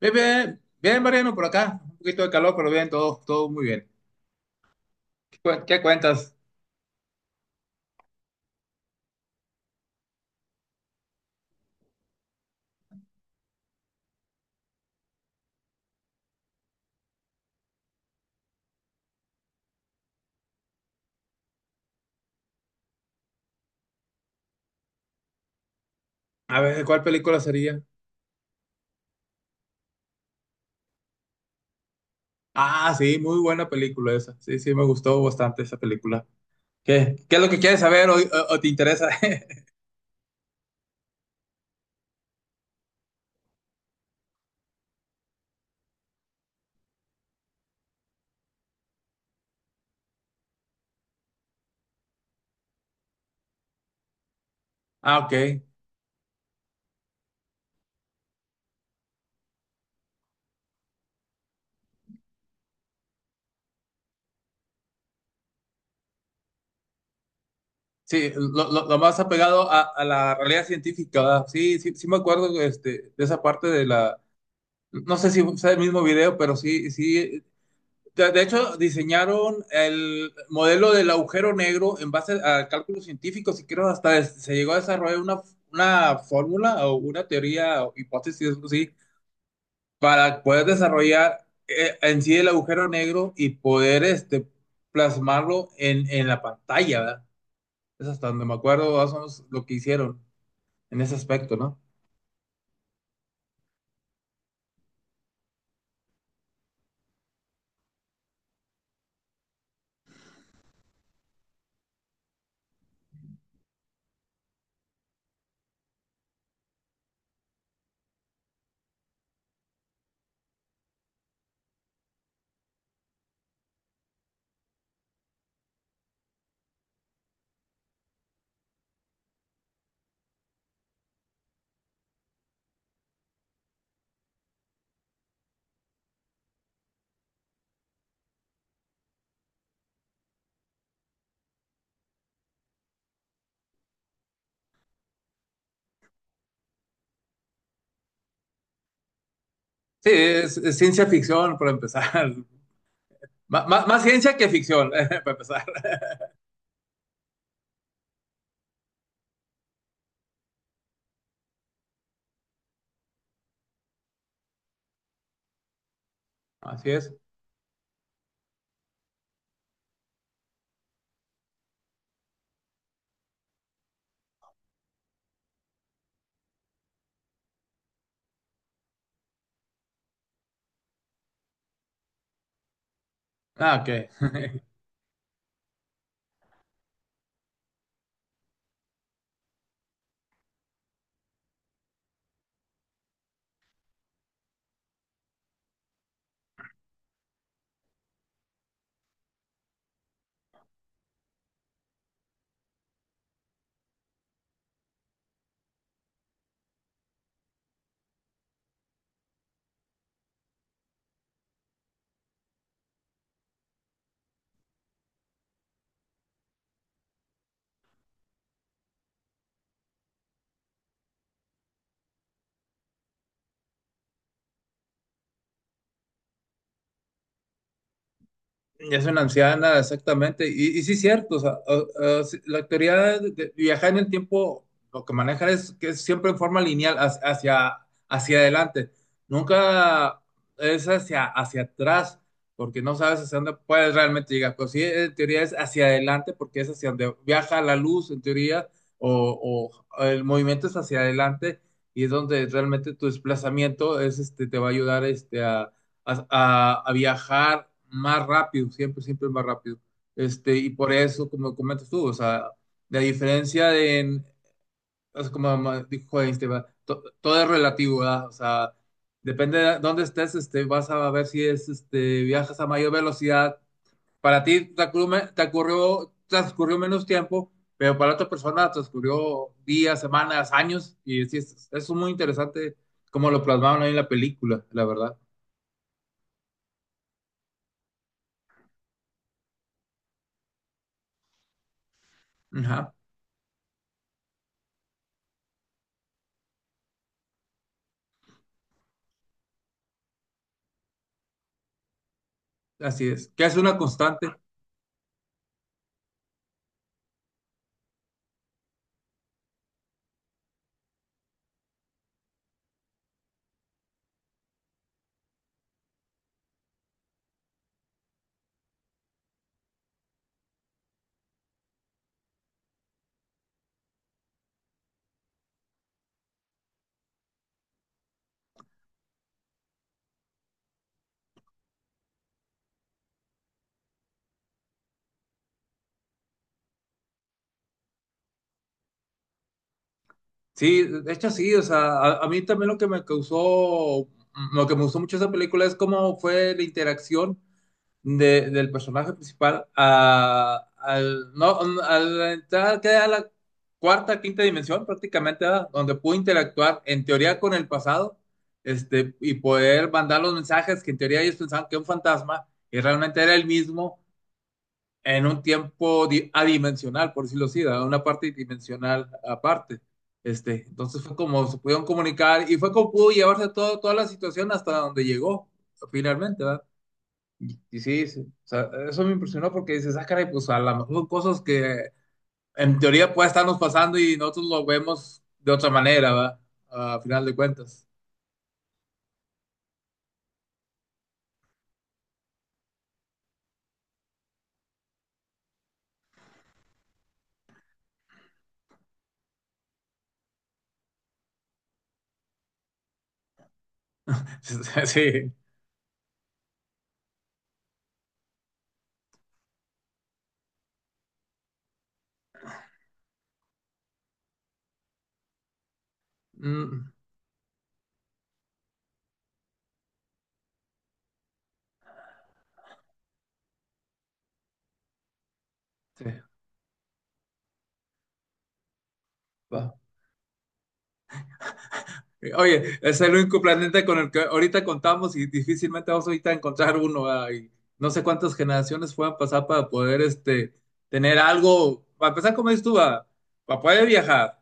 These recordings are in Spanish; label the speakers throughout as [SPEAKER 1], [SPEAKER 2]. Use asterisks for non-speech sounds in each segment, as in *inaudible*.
[SPEAKER 1] Bien, bien, bien, Mariano, por acá. Un poquito de calor, pero bien, todo, todo muy bien. ¿Qué, qué cuentas? A ver, ¿cuál película sería? Ah, sí, muy buena película esa. Sí, sí, me gustó bastante esa película. ¿Qué, qué es lo que quieres saber o te interesa? *laughs* Ah, ok. Sí, lo más apegado a la realidad científica, ¿verdad? Sí, sí, sí me acuerdo este, de esa parte de la... No sé si fue el mismo video, pero sí, sí. De hecho, diseñaron el modelo del agujero negro en base a cálculos científicos y creo hasta se llegó a desarrollar una fórmula o una teoría o hipótesis, algo así, para poder desarrollar en sí el agujero negro y poder este, plasmarlo en la pantalla, ¿verdad? Es hasta donde me acuerdo, más o menos lo que hicieron en ese aspecto, ¿no? Sí, es ciencia ficción, para empezar. *laughs* Más ciencia que ficción, *laughs* para empezar. *laughs* Así es. Ah, ok. *laughs* Ya es una anciana, exactamente. Y sí, cierto. O sea, o sí, la teoría de viajar en el tiempo, lo que maneja es que es siempre en forma lineal hacia, hacia, hacia adelante. Nunca es hacia, hacia atrás, porque no sabes hacia dónde puedes realmente llegar. Pero sí, en teoría es hacia adelante, porque es hacia donde viaja la luz, en teoría, o, o el movimiento es hacia adelante, y es donde realmente tu desplazamiento es, este, te va a ayudar este, a, a viajar más rápido, siempre, siempre más rápido. Este, y por eso, como comentas tú, o sea, la diferencia de, es como dijo Einstein, ¿verdad? Todo es relativo, ¿verdad? O sea, depende de dónde estés, este, vas a ver si es, este, viajas a mayor velocidad. Para ti te ocurrió, transcurrió menos tiempo, pero para otra persona transcurrió días, semanas, años, y sí, es muy interesante como lo plasmaron ahí en la película, la verdad. Ajá. Así es, que es una constante. Sí, de hecho sí, o sea, a mí también lo que me causó, lo que me gustó mucho de esa película es cómo fue la interacción del personaje principal a, al, no, al entrar que a la cuarta, quinta dimensión prácticamente, ¿verdad? Donde pudo interactuar en teoría con el pasado, este, y poder mandar los mensajes que en teoría ellos pensaban que era un fantasma y realmente era el mismo en un tiempo adimensional, por decirlo así, ¿verdad? Una parte dimensional aparte. Este, entonces fue como se pudieron comunicar y fue como pudo llevarse todo, toda la situación hasta donde llegó finalmente, ¿verdad? Y sí, sí, o sea, eso me impresionó porque dices, ah, caray, pues a lo mejor son cosas que en teoría puede estarnos pasando y nosotros lo vemos de otra manera, ¿verdad? A final de cuentas. *laughs* Sí. Mm, sí. Oye, es el único planeta con el que ahorita contamos y difícilmente vamos ahorita a encontrar uno, ¿verdad? Y no sé cuántas generaciones puedan pasar para poder este, tener algo, para empezar, como dices tú, ¿verdad? Para poder viajar.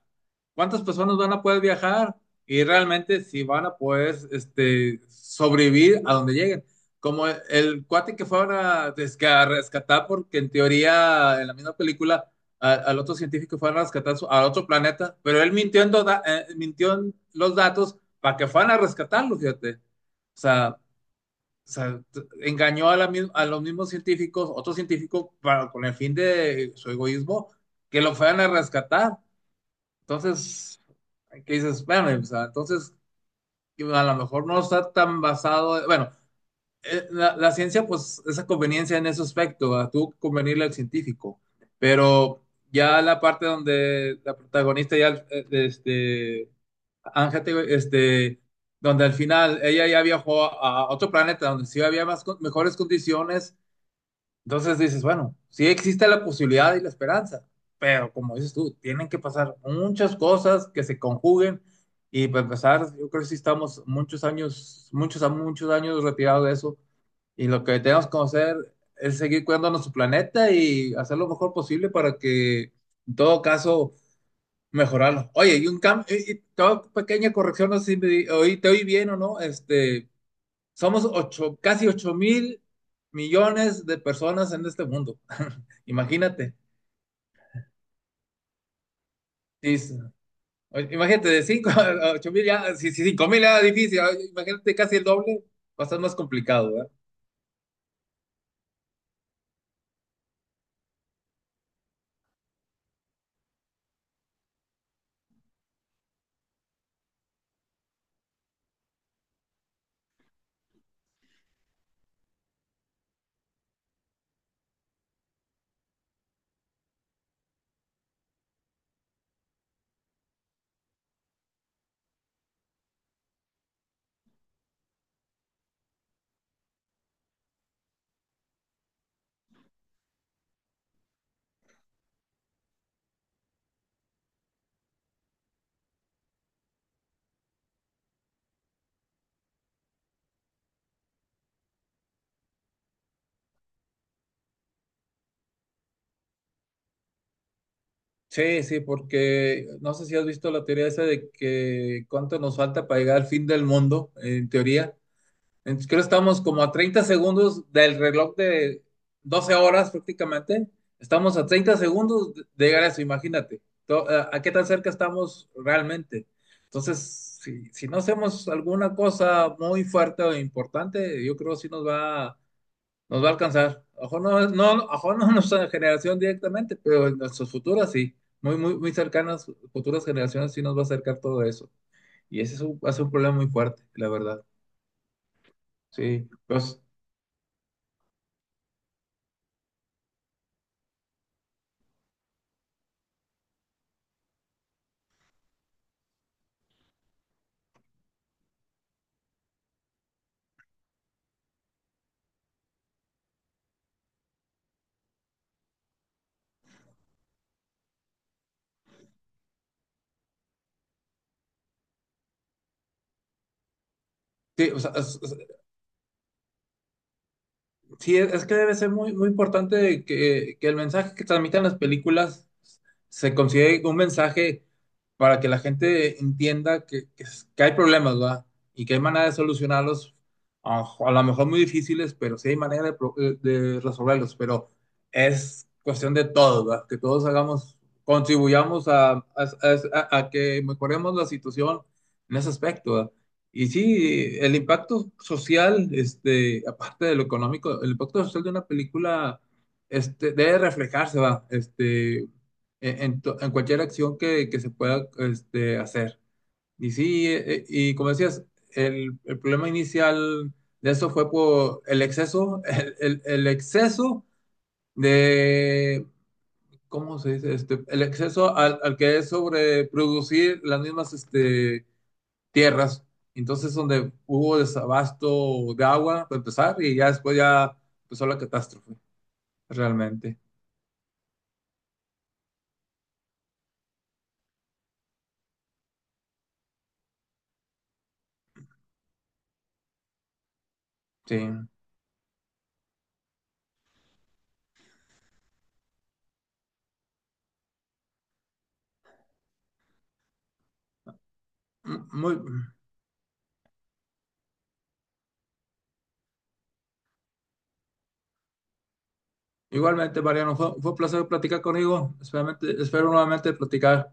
[SPEAKER 1] ¿Cuántas personas van a poder viajar? Y realmente si van a poder este, sobrevivir a donde lleguen. Como el cuate que fueron a, rescatar, porque en teoría, en la misma película, al otro científico y fueron a rescatar a otro planeta, pero él mintió en, mintió en los datos para que fueran a rescatarlo, fíjate. O sea, engañó a, a los mismos científicos, otros científicos, para, con el fin de su egoísmo, que lo fueran a rescatar. Entonces, ¿qué dices? Bueno, o sea, entonces que a lo mejor no está tan basado, bueno, la, la ciencia, pues, esa conveniencia en ese aspecto, a tú convenirle al científico, pero ya la parte donde la protagonista ya, este, Ángel, este, donde al final ella ya viajó a otro planeta donde sí había más, mejores condiciones, entonces dices, bueno, sí existe la posibilidad y la esperanza, pero como dices tú, tienen que pasar muchas cosas que se conjuguen y para empezar, yo creo que sí estamos muchos años, muchos a muchos años retirados de eso y lo que tenemos que hacer es seguir cuidando nuestro planeta y hacer lo mejor posible para que, en todo caso, mejorarlo. Oye, y un cambio, toda pequeña corrección, no sé si me te oí bien o no, este, somos ocho, casi ocho mil millones de personas en este mundo. *laughs* Imagínate. Sí, imagínate, de 5 *laughs* a 8 mil ya, si 5 mil era difícil, ah, imagínate casi el doble, va a estar más complicado. Sí, sí, porque no sé si has visto la teoría esa de que cuánto nos falta para llegar al fin del mundo, en teoría. Entonces, creo que estamos como a 30 segundos del reloj de 12 horas prácticamente. Estamos a 30 segundos de llegar a eso, imagínate. A qué tan cerca estamos realmente? Entonces, si, si no hacemos alguna cosa muy fuerte o importante, yo creo que sí nos va a alcanzar. Ojo no, no, ojo no *laughs* nuestra generación directamente, pero en nuestras futuras sí. Muy, muy, muy cercanas, futuras generaciones sí nos va a acercar todo eso. Y ese es un, va a ser un problema muy fuerte, la verdad. Sí, pues, sí, o sea, sí, es que debe ser muy, muy importante que el mensaje que transmitan las películas se considere un mensaje para que la gente entienda que, que hay problemas, ¿verdad? Y que hay manera de solucionarlos, a lo mejor muy difíciles, pero sí hay manera de, de resolverlos. Pero es cuestión de todos, ¿verdad? Que todos hagamos, contribuyamos a, a que mejoremos la situación en ese aspecto, ¿verdad? Y sí, el impacto social, este, aparte de lo económico, el impacto social de una película, este, debe reflejarse, va, este, en, en cualquier acción que se pueda, este, hacer. Y sí, y como decías, el problema inicial de eso fue por el exceso, el, el exceso de, ¿cómo se dice? Este, el exceso al, al que es sobreproducir las mismas, este, tierras. Entonces, donde hubo desabasto de agua, para empezar, y ya después ya empezó la catástrofe, realmente. Sí. Muy, igualmente, Mariano, fue, fue un placer platicar conmigo. Espero, espero nuevamente platicar.